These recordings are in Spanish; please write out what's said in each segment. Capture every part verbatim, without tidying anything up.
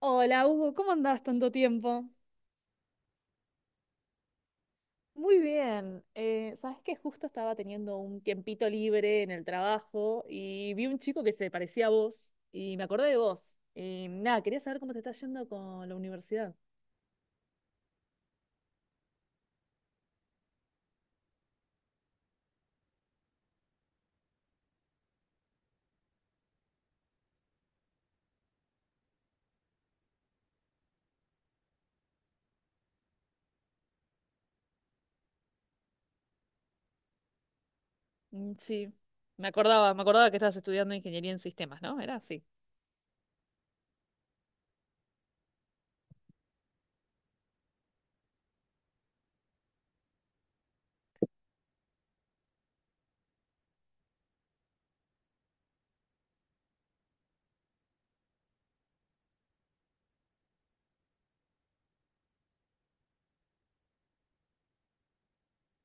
Hola, Hugo, ¿cómo andás tanto tiempo? Muy bien. Eh, ¿sabes que Justo estaba teniendo un tiempito libre en el trabajo y vi un chico que se parecía a vos y me acordé de vos? Y nada, quería saber cómo te está yendo con la universidad. Mm, Sí, me acordaba, me acordaba que estabas estudiando ingeniería en sistemas, ¿no? Era así.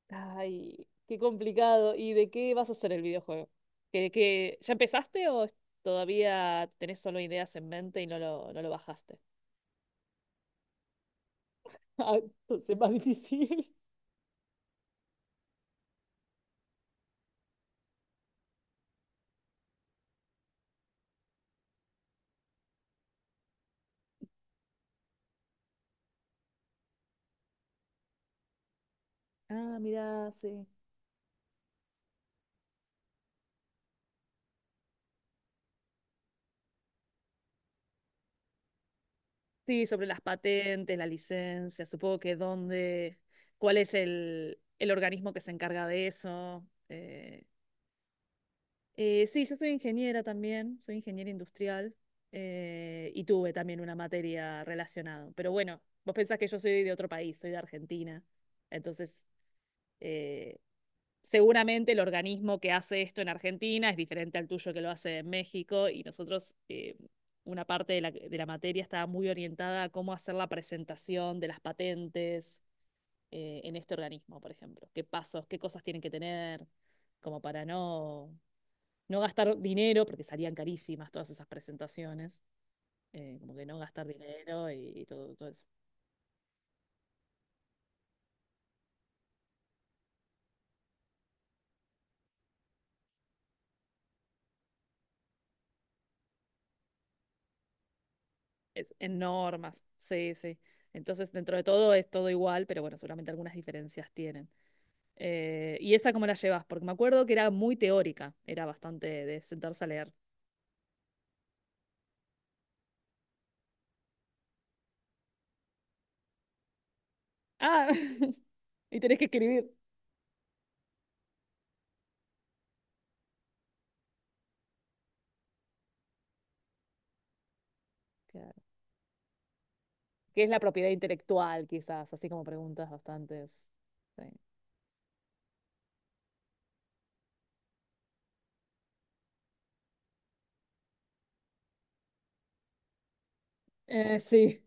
Ay, qué complicado. ¿Y de qué vas a hacer el videojuego? ¿Que, que ya empezaste o todavía tenés solo ideas en mente y no lo, no lo bajaste? Ah, entonces es más difícil. Ah, mira, sí. Sí, sobre las patentes, la licencia, supongo que dónde, cuál es el, el organismo que se encarga de eso. Eh, eh, sí, yo soy ingeniera también, soy ingeniera industrial, eh, y tuve también una materia relacionada. Pero bueno, vos pensás que yo soy de otro país, soy de Argentina, entonces, eh, seguramente el organismo que hace esto en Argentina es diferente al tuyo que lo hace en México y nosotros, eh, una parte de la, de la materia estaba muy orientada a cómo hacer la presentación de las patentes, eh, en este organismo, por ejemplo. ¿Qué pasos, qué cosas tienen que tener como para no, no gastar dinero, porque salían carísimas todas esas presentaciones, eh, como que no gastar dinero y, y todo, todo eso. Es- en normas, sí, sí. Entonces, dentro de todo es todo igual, pero bueno, seguramente algunas diferencias tienen. Eh, ¿y esa cómo la llevas? Porque me acuerdo que era muy teórica, era bastante de sentarse a leer. Ah, y tenés que escribir. Claro. ¿Qué es la propiedad intelectual, quizás? Así como preguntas bastantes. Sí. Eh, sí,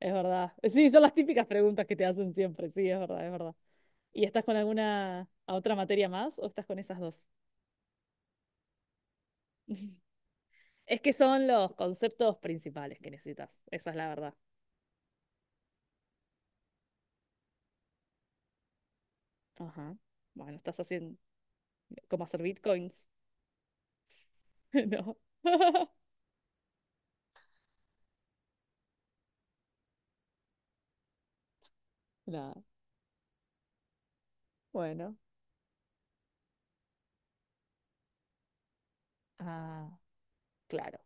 es verdad. Sí, son las típicas preguntas que te hacen siempre. Sí, es verdad, es verdad. ¿Y estás con alguna a otra materia más o estás con esas dos? Es que son los conceptos principales que necesitas. Esa es la verdad. Ajá. Bueno, estás haciendo como hacer bitcoins. No. No. Bueno, ah, claro.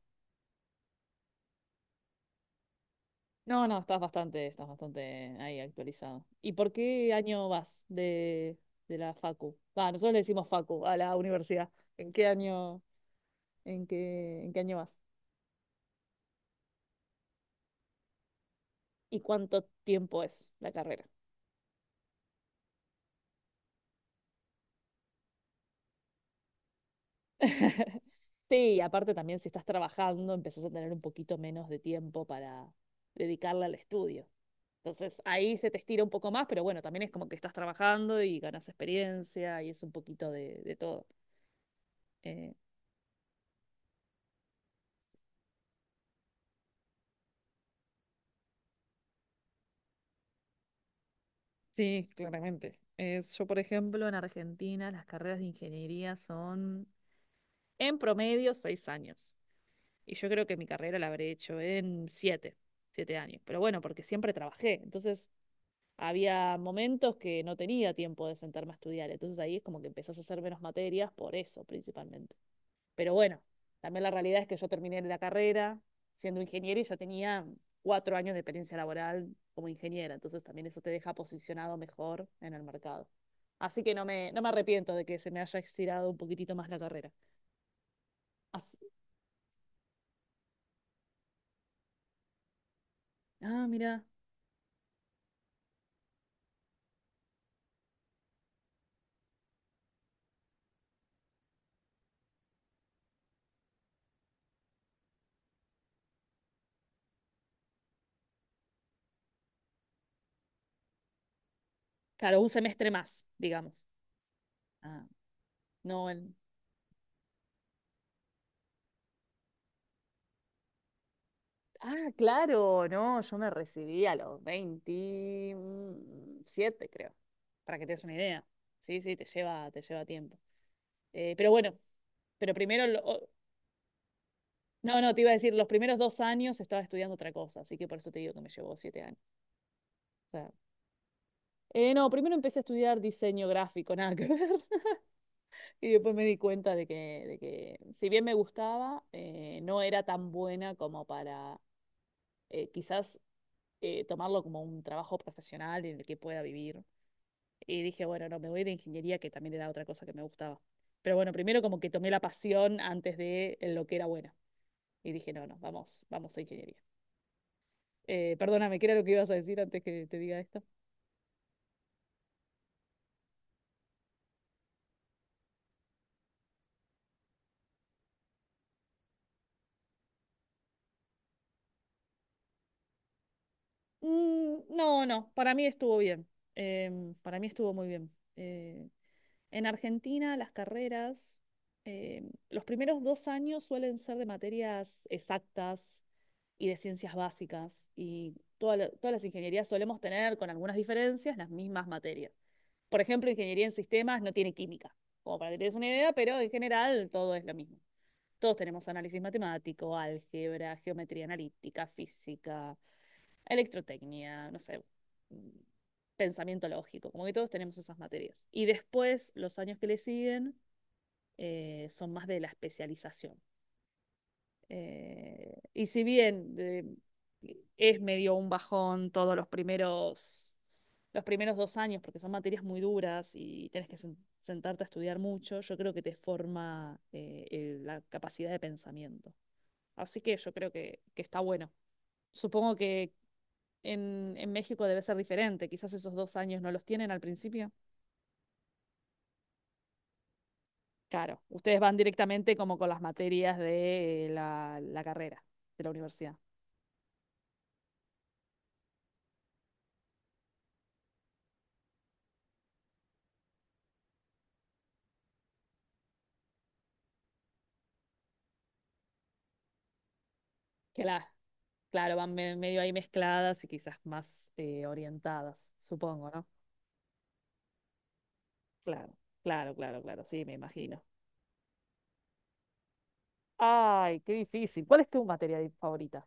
No, no, estás bastante, estás bastante ahí actualizado. ¿Y por qué año vas de, de la facu? Va, nosotros le decimos facu a la universidad. ¿En qué año, en qué, en qué año vas? ¿Y cuánto tiempo es la carrera? Sí, aparte también si estás trabajando, empezás a tener un poquito menos de tiempo para dedicarle al estudio. Entonces ahí se te estira un poco más, pero bueno, también es como que estás trabajando y ganas experiencia y es un poquito de, de todo. Eh, Sí, claramente. Eh, yo, por ejemplo, en Argentina las carreras de ingeniería son en promedio seis años. Y yo creo que mi carrera la habré hecho en siete, siete años. Pero bueno, porque siempre trabajé. Entonces había momentos que no tenía tiempo de sentarme a estudiar. Entonces ahí es como que empezás a hacer menos materias por eso, principalmente. Pero bueno, también la realidad es que yo terminé la carrera siendo ingeniera y ya tenía cuatro años de experiencia laboral como ingeniera, entonces también eso te deja posicionado mejor en el mercado. Así que no me, no me arrepiento de que se me haya estirado un poquitito más la carrera. Así- ah, mira. Claro, un semestre más, digamos. Ah, no, el- ah, claro, no, yo me recibí a los veintisiete, creo, para que te des una idea. Sí, sí, te lleva, te lleva tiempo. Eh, pero bueno, pero primero, lo- o- no, no, te iba a decir, los primeros dos años estaba estudiando otra cosa, así que por eso te digo que me llevó siete años. O sea, eh, no, primero empecé a estudiar diseño gráfico, nada que ver, y después me di cuenta de que, de que si bien me gustaba, eh, no era tan buena como para, eh, quizás, eh, tomarlo como un trabajo profesional en el que pueda vivir. Y dije, bueno, no, me voy de ingeniería, que también era otra cosa que me gustaba. Pero bueno, primero como que tomé la pasión antes de lo que era buena. Y dije, no, no, vamos, vamos a ingeniería. Eh, perdóname, ¿qué era lo que ibas a decir antes que te diga esto? Mm, no, no, para mí estuvo bien. Em, para mí estuvo muy bien. Eh, en Argentina las carreras, em, los primeros dos años suelen ser de materias exactas y de ciencias básicas y toda la- todas las ingenierías solemos tener con algunas diferencias las mismas materias. Por ejemplo, ingeniería en sistemas no tiene química, como para que te des una idea, pero en general todo es lo mismo. Todos tenemos análisis matemático, álgebra, geometría analítica, física, electrotecnia, no sé, mm, pensamiento lógico, como que todos tenemos esas materias. Y después, los años que le siguen, eh, son más de la especialización. Eh, y si bien, eh, es medio un bajón todos los primeros, los primeros dos años, porque son materias muy duras y tienes que sentarte a estudiar mucho, yo creo que te forma, eh, el- la capacidad de pensamiento. Así que yo creo que, que está bueno. Supongo que en, en México debe ser diferente. Quizás esos dos años no los tienen al principio. Claro, ustedes van directamente como con las materias de, eh, la, la carrera de la universidad. Que la, claro, van me- medio ahí mezcladas y quizás más, eh, orientadas, supongo, ¿no? Claro, claro, claro, claro, sí, me imagino. Ay, qué difícil. ¿Cuál es tu materia di- favorita?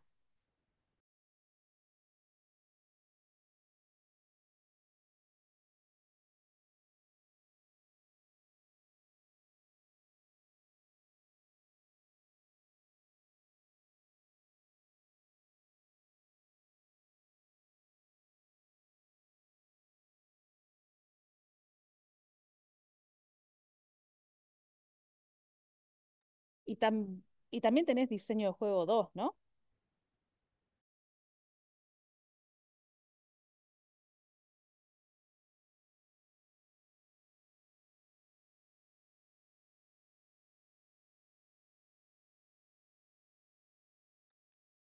Y, tam- y también tenés diseño de juego dos, ¿no?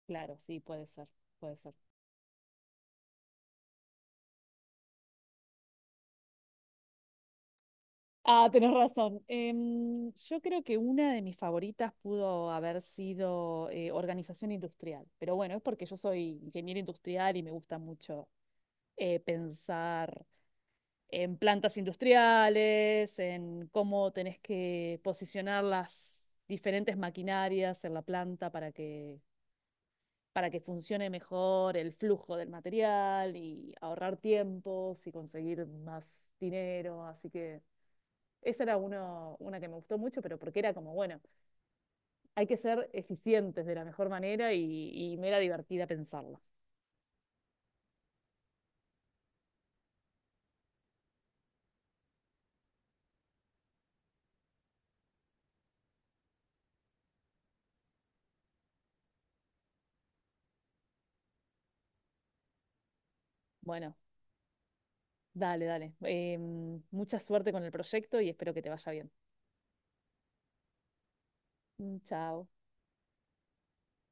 Claro, sí, puede ser, puede ser. Ah, tenés razón. Em, yo creo que una de mis favoritas pudo haber sido, eh, organización industrial, pero bueno, es porque yo soy ingeniera industrial y me gusta mucho, eh, pensar en plantas industriales, en cómo tenés que posicionar las diferentes maquinarias en la planta para que, para que funcione mejor el flujo del material y ahorrar tiempos y conseguir más dinero, así que... Esa era uno, una que me gustó mucho, pero porque era como, bueno, hay que ser eficientes de la mejor manera y, y me era divertida pensarlo. Bueno, dale, dale. Em, mucha suerte con el proyecto y espero que te vaya bien. Mm, Chao.